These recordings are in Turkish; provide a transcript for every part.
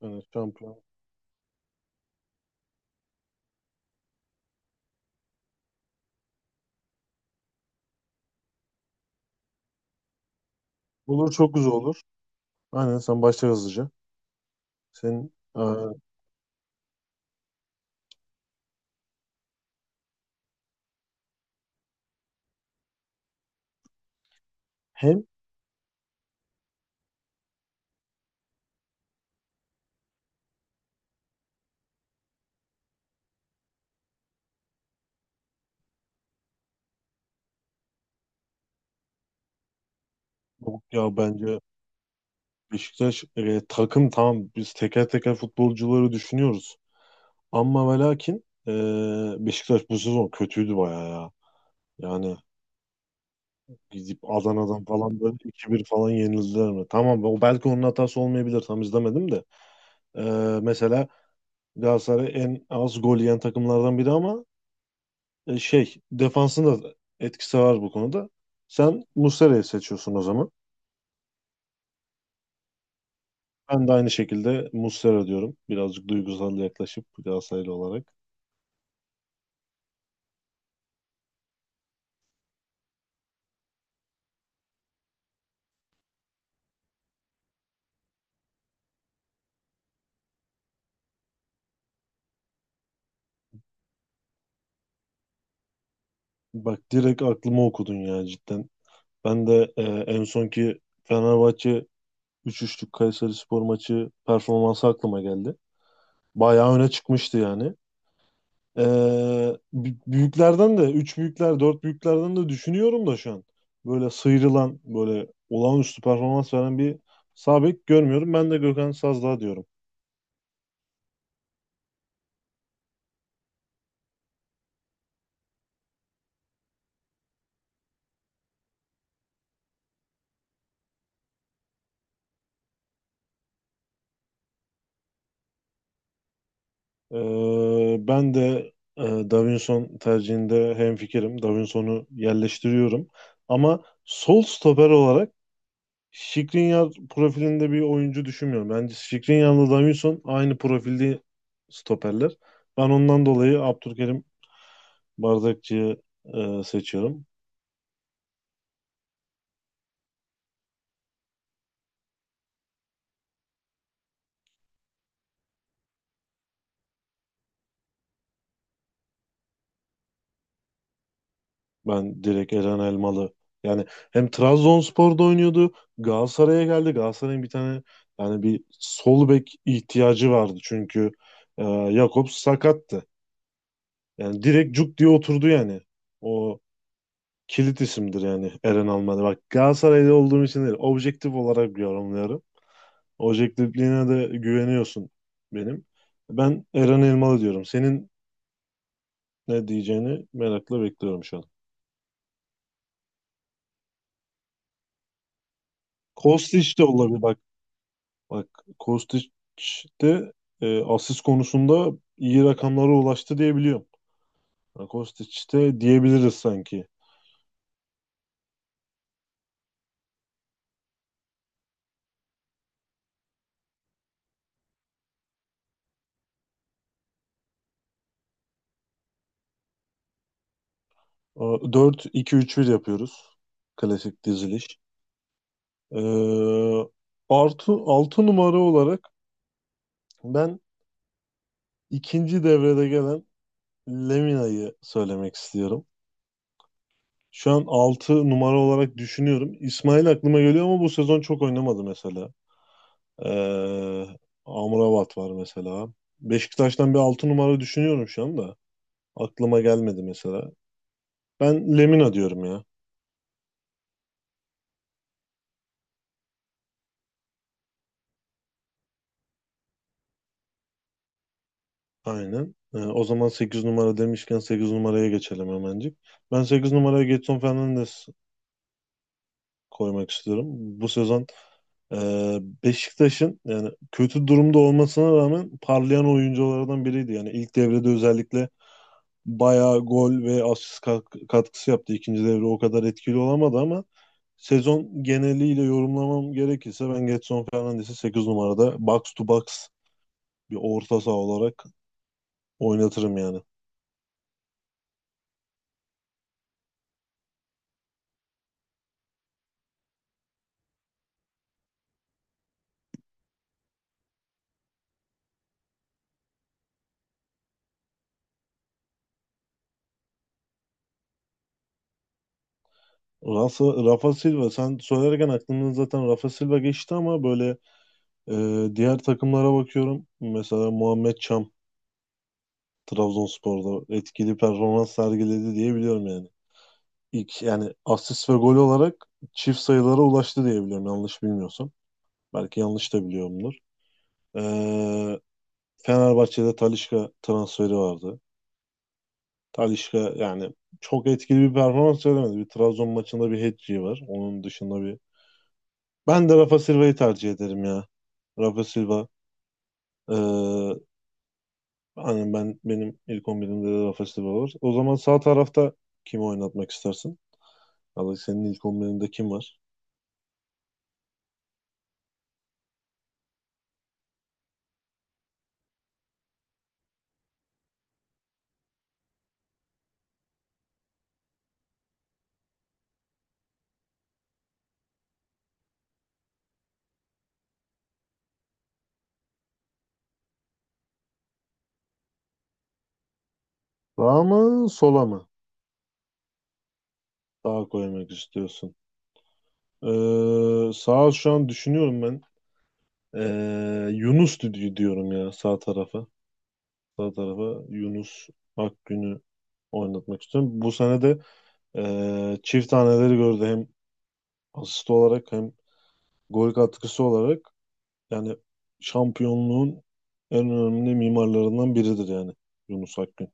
Yani şampiyon. Olur çok güzel olur. Aynen sen başla hızlıca. Senin hem yok ya bence Beşiktaş takım tamam biz teker teker futbolcuları düşünüyoruz. Ama ve lakin Beşiktaş bu sezon kötüydü bayağı ya. Yani gidip Adana'dan falan böyle 2-1 falan yenildiler mi? Tamam o belki onun hatası olmayabilir tam izlemedim de. E, mesela Galatasaray en az gol yiyen takımlardan biri ama şey defansında da etkisi var bu konuda. Sen Muslera'yı seçiyorsun o zaman. Ben de aynı şekilde Muslera diyorum. Birazcık duygusal yaklaşıp Galatasaraylı olarak. Bak direkt aklıma okudun ya cidden. Ben de en sonki Fenerbahçe 3-3'lük Kayserispor maçı performansı aklıma geldi. Bayağı öne çıkmıştı yani. Ee, büyüklerden de, üç büyükler, dört büyüklerden de düşünüyorum da şu an. Böyle sıyrılan, böyle olağanüstü performans veren bir sağ bek görmüyorum. Ben de Gökhan Sazdağ diyorum. Ben de Davinson tercihinde hemfikirim. Davinson'u yerleştiriyorum. Ama sol stoper olarak Skriniar profilinde bir oyuncu düşünmüyorum. Bence Skriniar'la Davinson aynı profilde stoperler. Ben ondan dolayı Abdülkerim Bardakçıyı seçiyorum. Ben direkt Eren Elmalı. Yani hem Trabzonspor'da oynuyordu. Galatasaray'a geldi. Galatasaray'ın bir tane yani bir sol bek ihtiyacı vardı. Çünkü Jakobs sakattı. Yani direkt cuk diye oturdu yani. O kilit isimdir yani Eren Elmalı. Bak Galatasaray'da olduğum için değil. Objektif olarak yorumluyorum. Objektifliğine de güveniyorsun benim. Ben Eren Elmalı diyorum. Senin ne diyeceğini merakla bekliyorum şu an. Kostić de olabilir bak. Bak Kostić de asist konusunda iyi rakamlara ulaştı diye biliyorum. Yani Kostić de diyebiliriz sanki. E, 4-2-3-1 yapıyoruz. Klasik diziliş. E, artı 6 numara olarak ben ikinci devrede gelen Lemina'yı söylemek istiyorum. Şu an 6 numara olarak düşünüyorum. İsmail aklıma geliyor ama bu sezon çok oynamadı mesela. Ee, Amrabat var mesela. Beşiktaş'tan bir 6 numara düşünüyorum şu anda. Aklıma gelmedi mesela. Ben Lemina diyorum ya. Aynen. O zaman 8 numara demişken 8 numaraya geçelim hemencik. Ben 8 numaraya Gedson Fernandes koymak istiyorum. Bu sezon e, Beşiktaş'ın yani kötü durumda olmasına rağmen parlayan oyunculardan biriydi. Yani ilk devrede özellikle bayağı gol ve asist katkısı yaptı. İkinci devre o kadar etkili olamadı ama sezon geneliyle yorumlamam gerekirse ben Gedson Fernandes'i 8 numarada box to box bir orta saha olarak oynatırım yani. Rafa Silva sen söylerken aklımdan zaten Rafa Silva geçti ama böyle diğer takımlara bakıyorum. Mesela Muhammed Çam Trabzonspor'da etkili performans sergiledi diye biliyorum yani. İlk yani asist ve gol olarak çift sayılara ulaştı diye biliyorum yanlış bilmiyorsam. Belki yanlış da biliyorumdur. Ee, Fenerbahçe'de Talisca transferi vardı. Talisca yani çok etkili bir performans veremedi. Bir Trabzon maçında bir hat-trick'i var. Onun dışında bir... Ben de Rafa Silva'yı tercih ederim ya. Rafa Silva ee, aynen ben benim ilk 11'imde de Rafa Silva var. O zaman sağ tarafta kimi oynatmak istersin? Ya da senin ilk 11'inde kim var? Sağa mı sola mı? Sağa koymak istiyorsun. Sağa şu an düşünüyorum ben. Yunus diyorum ya sağ tarafa. Sağ tarafa Yunus Akgün'ü oynatmak istiyorum. Bu sene de çift taneleri gördü hem asist olarak hem gol katkısı olarak. Yani şampiyonluğun en önemli mimarlarından biridir yani Yunus Akgün.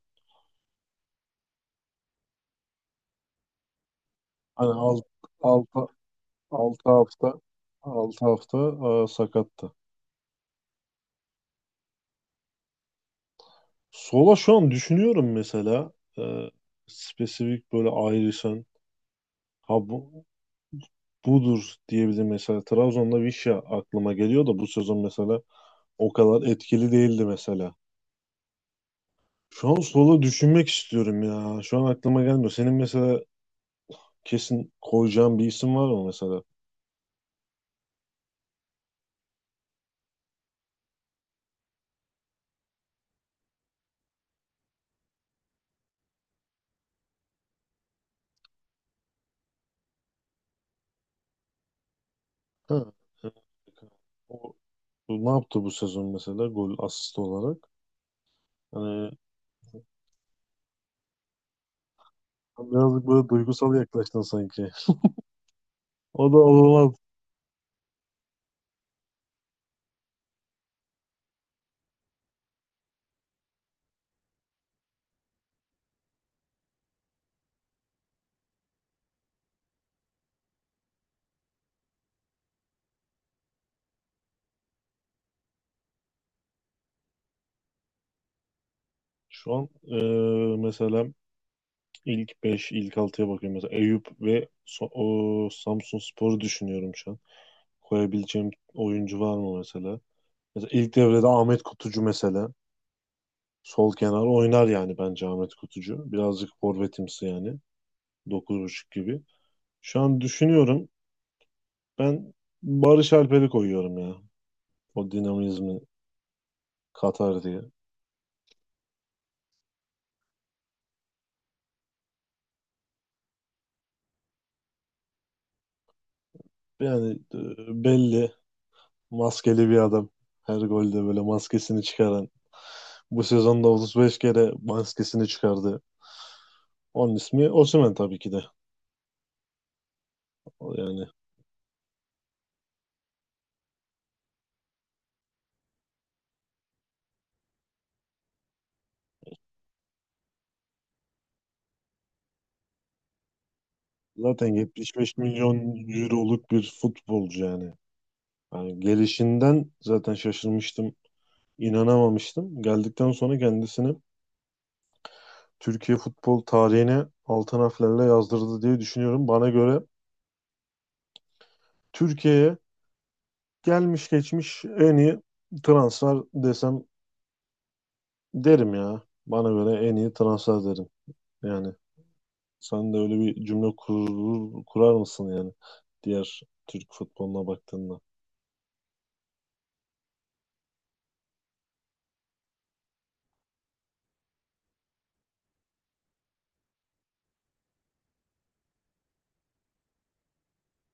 Hani altı, altı hafta 6 hafta sakattı. Sola şu an düşünüyorum mesela e, spesifik böyle ayrışan ha bu, budur diyebilirim mesela. Trabzon'da Vişya aklıma geliyor da bu sezon mesela o kadar etkili değildi mesela. Şu an sola düşünmek istiyorum ya. Şu an aklıma gelmiyor. Senin mesela kesin koyacağın bir isim var mı mesela? Ha, evet. O ne yaptı bu sezon mesela gol asist olarak? Hani birazcık böyle duygusal yaklaştın sanki. O da olmaz. Şu an mesela ilk 5, ilk altıya bakıyorum. Mesela Eyüp ve so o Samsunspor'u düşünüyorum şu an. Koyabileceğim oyuncu var mı mesela? Mesela ilk devrede Ahmet Kutucu mesela. Sol kenar oynar yani bence Ahmet Kutucu. Birazcık forvetimsi yani. 9,5 gibi. Şu an düşünüyorum. Ben Barış Alper'i koyuyorum ya. O dinamizmi katar diye. Yani belli maskeli bir adam. Her golde böyle maskesini çıkaran. Bu sezonda 35 kere maskesini çıkardı. Onun ismi Osimhen tabii ki de. O yani zaten 75 milyon euroluk bir futbolcu yani. Yani gelişinden zaten şaşırmıştım. İnanamamıştım. Geldikten sonra kendisini Türkiye futbol tarihine altın harflerle yazdırdı diye düşünüyorum. Bana göre Türkiye'ye gelmiş geçmiş en iyi transfer desem derim ya. Bana göre en iyi transfer derim. Yani sen de öyle bir cümle kurar mısın yani diğer Türk futboluna baktığında?